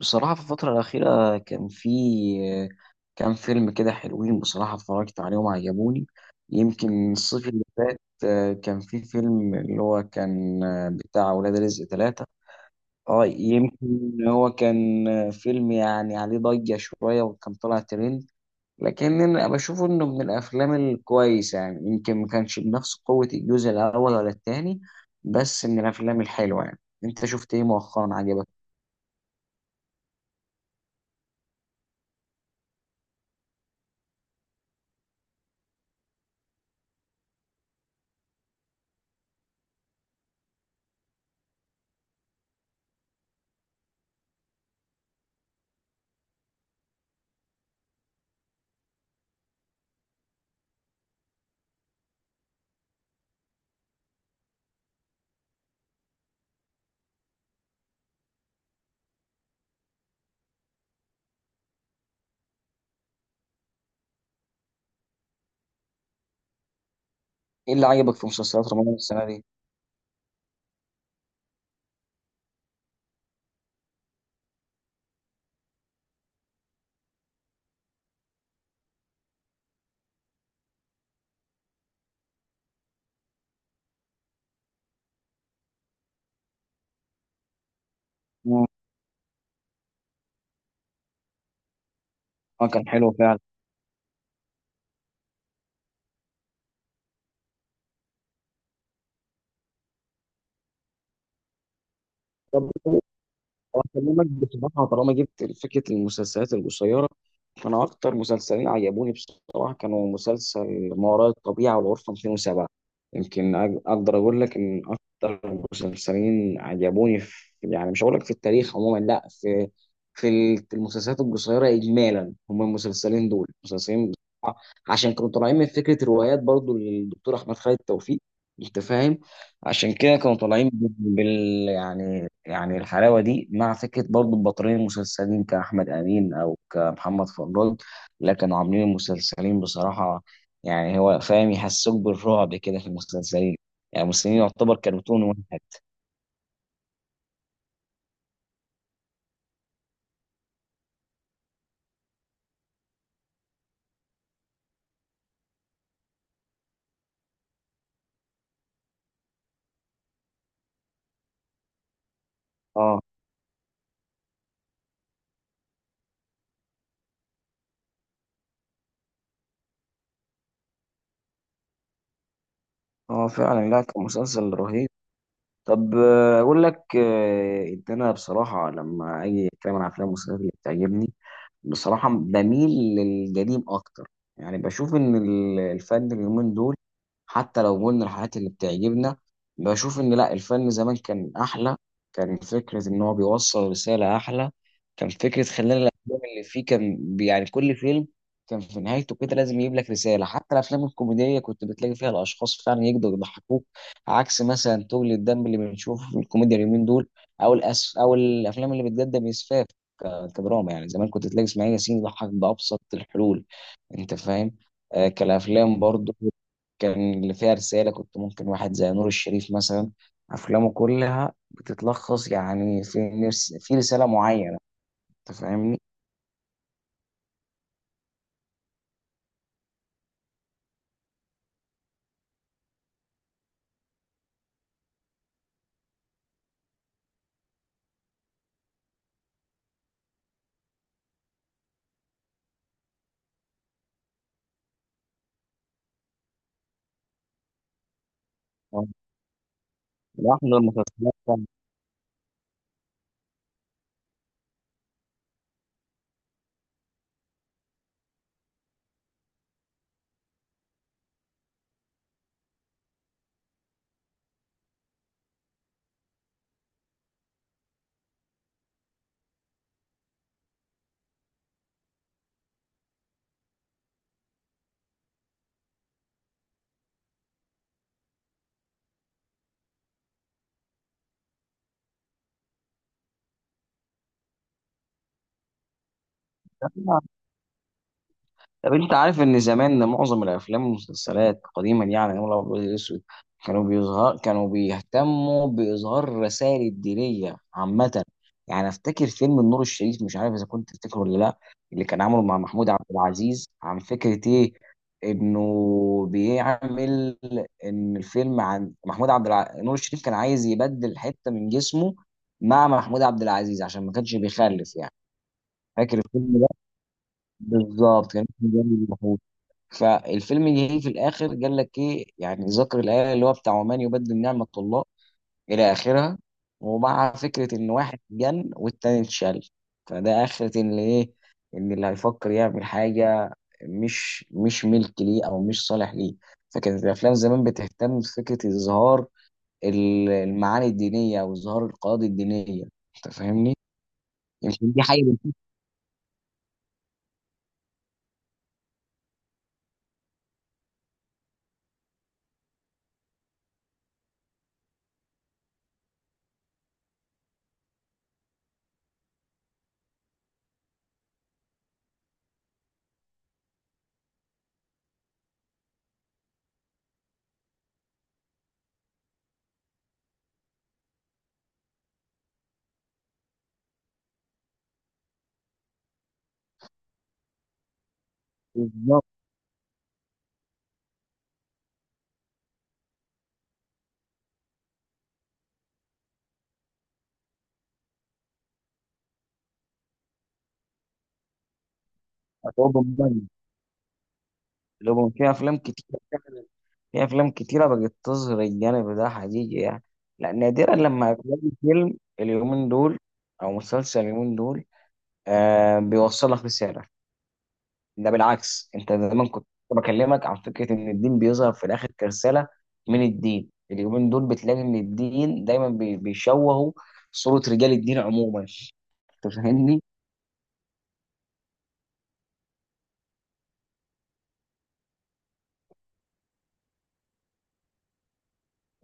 بصراحة في الفترة الأخيرة كان في كام فيلم كده حلوين بصراحة اتفرجت عليهم عجبوني. يمكن الصيف اللي فات كان في فيلم اللي هو كان بتاع ولاد رزق ثلاثة. اه يمكن هو كان فيلم يعني عليه ضجة شوية وكان طلع ترند، لكن أنا بشوفه إنه من الأفلام الكويسة، يعني يمكن ما كانش بنفس قوة الجزء الأول ولا التاني، بس من الأفلام الحلوة يعني. أنت شفت إيه مؤخرا عجبك؟ إيه اللي عجبك في مسلسلات رمضان السنة دي؟ اه، كان حلو فعلا. طب أكلمك بصراحة، طالما جبت فكرة المسلسلات القصيرة، فأنا أكتر مسلسلين عجبوني بصراحة كانوا مسلسل ما وراء الطبيعة والغرفة 207. يمكن أقدر أقول لك إن أكتر مسلسلين عجبوني في، يعني مش هقول لك في التاريخ عموما لا، في في المسلسلات القصيرة إجمالا هم المسلسلين دول مسلسلين بصراحة، عشان كانوا طالعين من فكرة روايات برضو للدكتور أحمد خالد توفيق. أنت فاهم؟ عشان كده كانوا طالعين يعني يعني الحلاوة دي مع فكرة برضو البطلين المسلسلين كأحمد أمين أو كمحمد فضل، لكن عاملين المسلسلين بصراحة، يعني هو فاهم يحسوك بالرعب كده في المسلسلين. يعني المسلسلين يعتبر كرتون واحد. اه، اه فعلا، لا كان مسلسل رهيب. طب أقول لك إن أنا بصراحة لما أجي أتكلم عن أفلام ومسلسلات اللي بتعجبني، بصراحة بميل للقديم أكتر. يعني بشوف إن الفن اليومين دول، حتى لو قلنا الحاجات اللي بتعجبنا، بشوف إن لأ الفن زمان كان أحلى. كان فكرة إن هو بيوصل رسالة أحلى. كان فكرة خلال الأفلام اللي فيه، كان يعني كل فيلم كان في نهايته كده لازم يجيب لك رسالة. حتى الأفلام الكوميدية كنت بتلاقي فيها الأشخاص فعلا يقدروا يضحكوك، عكس مثلا تغلي الدم اللي بنشوفه في الكوميديا اليومين دول، أو أو الأفلام اللي بتقدم إسفاف كدراما. يعني زمان كنت تلاقي اسماعيل ياسين يضحك بأبسط الحلول، أنت فاهم؟ آه كالأفلام برضو كان اللي فيها رسالة. كنت ممكن واحد زي نور الشريف مثلا أفلامه كلها بتتلخص يعني في في رسالة معينة. أنت فاهمني؟ واحنا المسلسلات، طب انت عارف ان زمان معظم الافلام والمسلسلات قديما يعني نقول ابيض الاسود، كانوا بيهتموا باظهار رسائل الدينيه عامه. يعني افتكر فيلم النور الشريف، مش عارف اذا كنت تفتكره ولا لا، اللي كان عامله مع محمود عبد العزيز، عن فكره ايه، انه بيعمل، ان الفيلم عن نور الشريف كان عايز يبدل حته من جسمه مع محمود عبد العزيز عشان ما كانش بيخلف يعني. فاكر الفيلم ده؟ بالظبط كان اسمه. جامد. فالفيلم ينتهي في الاخر قال لك ايه، يعني ذكر الايه اللي هو بتاع ومن يبدل نعمه الله الى اخرها، ومع فكره ان واحد جن والتاني اتشل. فده اخره ان ايه، ان اللي هيفكر يعمل حاجه مش ملك ليه او مش صالح ليه. فكانت الافلام زمان بتهتم بفكره اظهار المعاني الدينيه او اظهار القواعد الدينيه. انت فاهمني؟ يمكن دي حاجه، بالظبط هتبقى مهمة. لو في افلام كتير، في افلام كتيره بقت تظهر الجانب ده حقيقي يعني. لا نادرا لما هتلاقي فيلم اليومين دول او مسلسل اليومين دول آه بيوصل لك رساله. ده بالعكس، انت زمان كنت بكلمك عن فكره ان الدين بيظهر في الاخر كرساله من الدين، اليومين دول بتلاقي ان الدين دايما بيشوهوا صوره رجال الدين عموما. انت فاهمني؟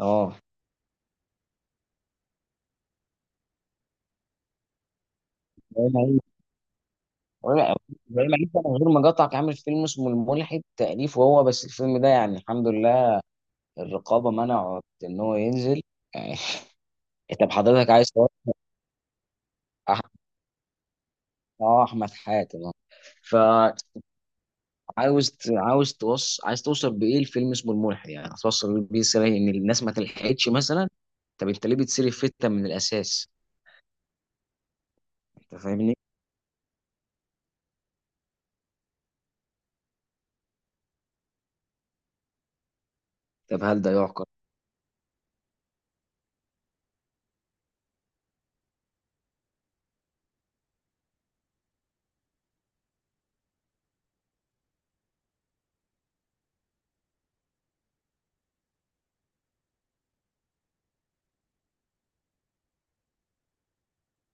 اه، ابراهيم عيد. ابراهيم عيد ده من غير ما اقاطعك عامل فيلم اسمه الملحد تأليف وهو، بس الفيلم ده يعني الحمد لله الرقابه منعت ان هو ينزل يعني. طب حضرتك عايز أح- اه احمد حاتم فعاوز عاوز توصل، عايز توصل بايه؟ الفيلم اسمه الملحد، يعني هتوصل بيه رساله ان الناس ما تلحقتش مثلا. طب انت ليه بتصير الفتة من الاساس؟ انت فاهمني؟ طب هل ده يعقل؟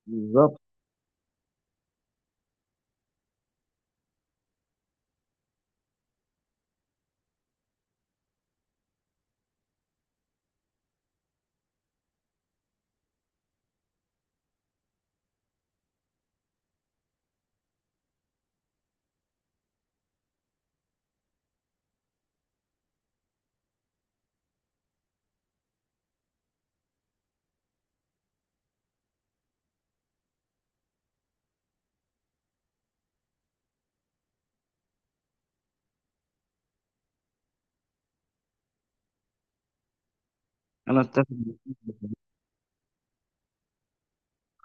بالظبط. انا اتفق،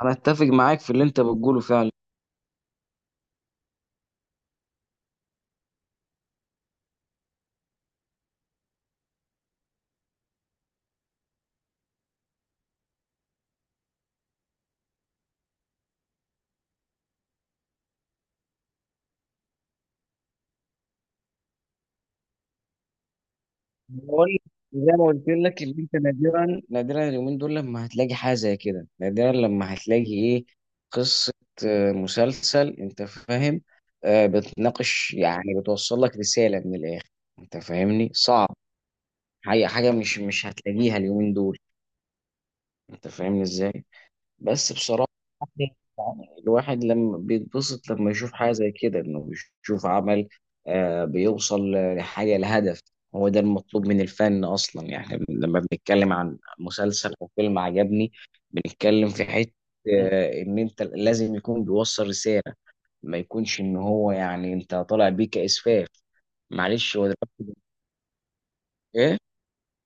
انا اتفق معاك في اللي انت بتقوله فعلا. بقول زي ما قلت لك، اللي انت نادرا نادرا اليومين دول لما هتلاقي حاجه زي كده، نادرا لما هتلاقي ايه، قصه، مسلسل، انت فاهم، بتناقش، يعني بتوصل لك رساله من الاخر. انت فاهمني؟ صعب. حاجه مش هتلاقيها اليومين دول. انت فاهمني ازاي؟ بس بصراحة، يعني الواحد لما بيتبسط لما يشوف حاجة زي كده، انه بيشوف عمل آه بيوصل لحاجة لهدف. هو ده المطلوب من الفن اصلا. يعني لما بنتكلم عن مسلسل او فيلم عجبني، بنتكلم في حتة، مم. آه ان انت لازم يكون بيوصل رسالة، ما يكونش ان هو يعني انت طالع بيه كإسفاف. معلش هو دلوقتي ايه،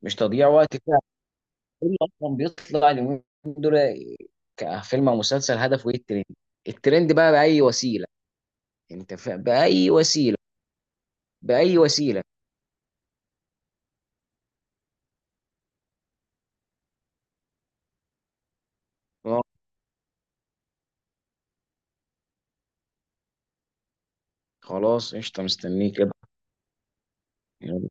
مش تضييع وقت، اللي اصلا بيطلع اليومين دول كفيلم او مسلسل هدفه ايه؟ الترند. الترند بقى باي وسيله. يعني انت باي وسيله، باي وسيله. آه، خلاص قشطه مستنيك كده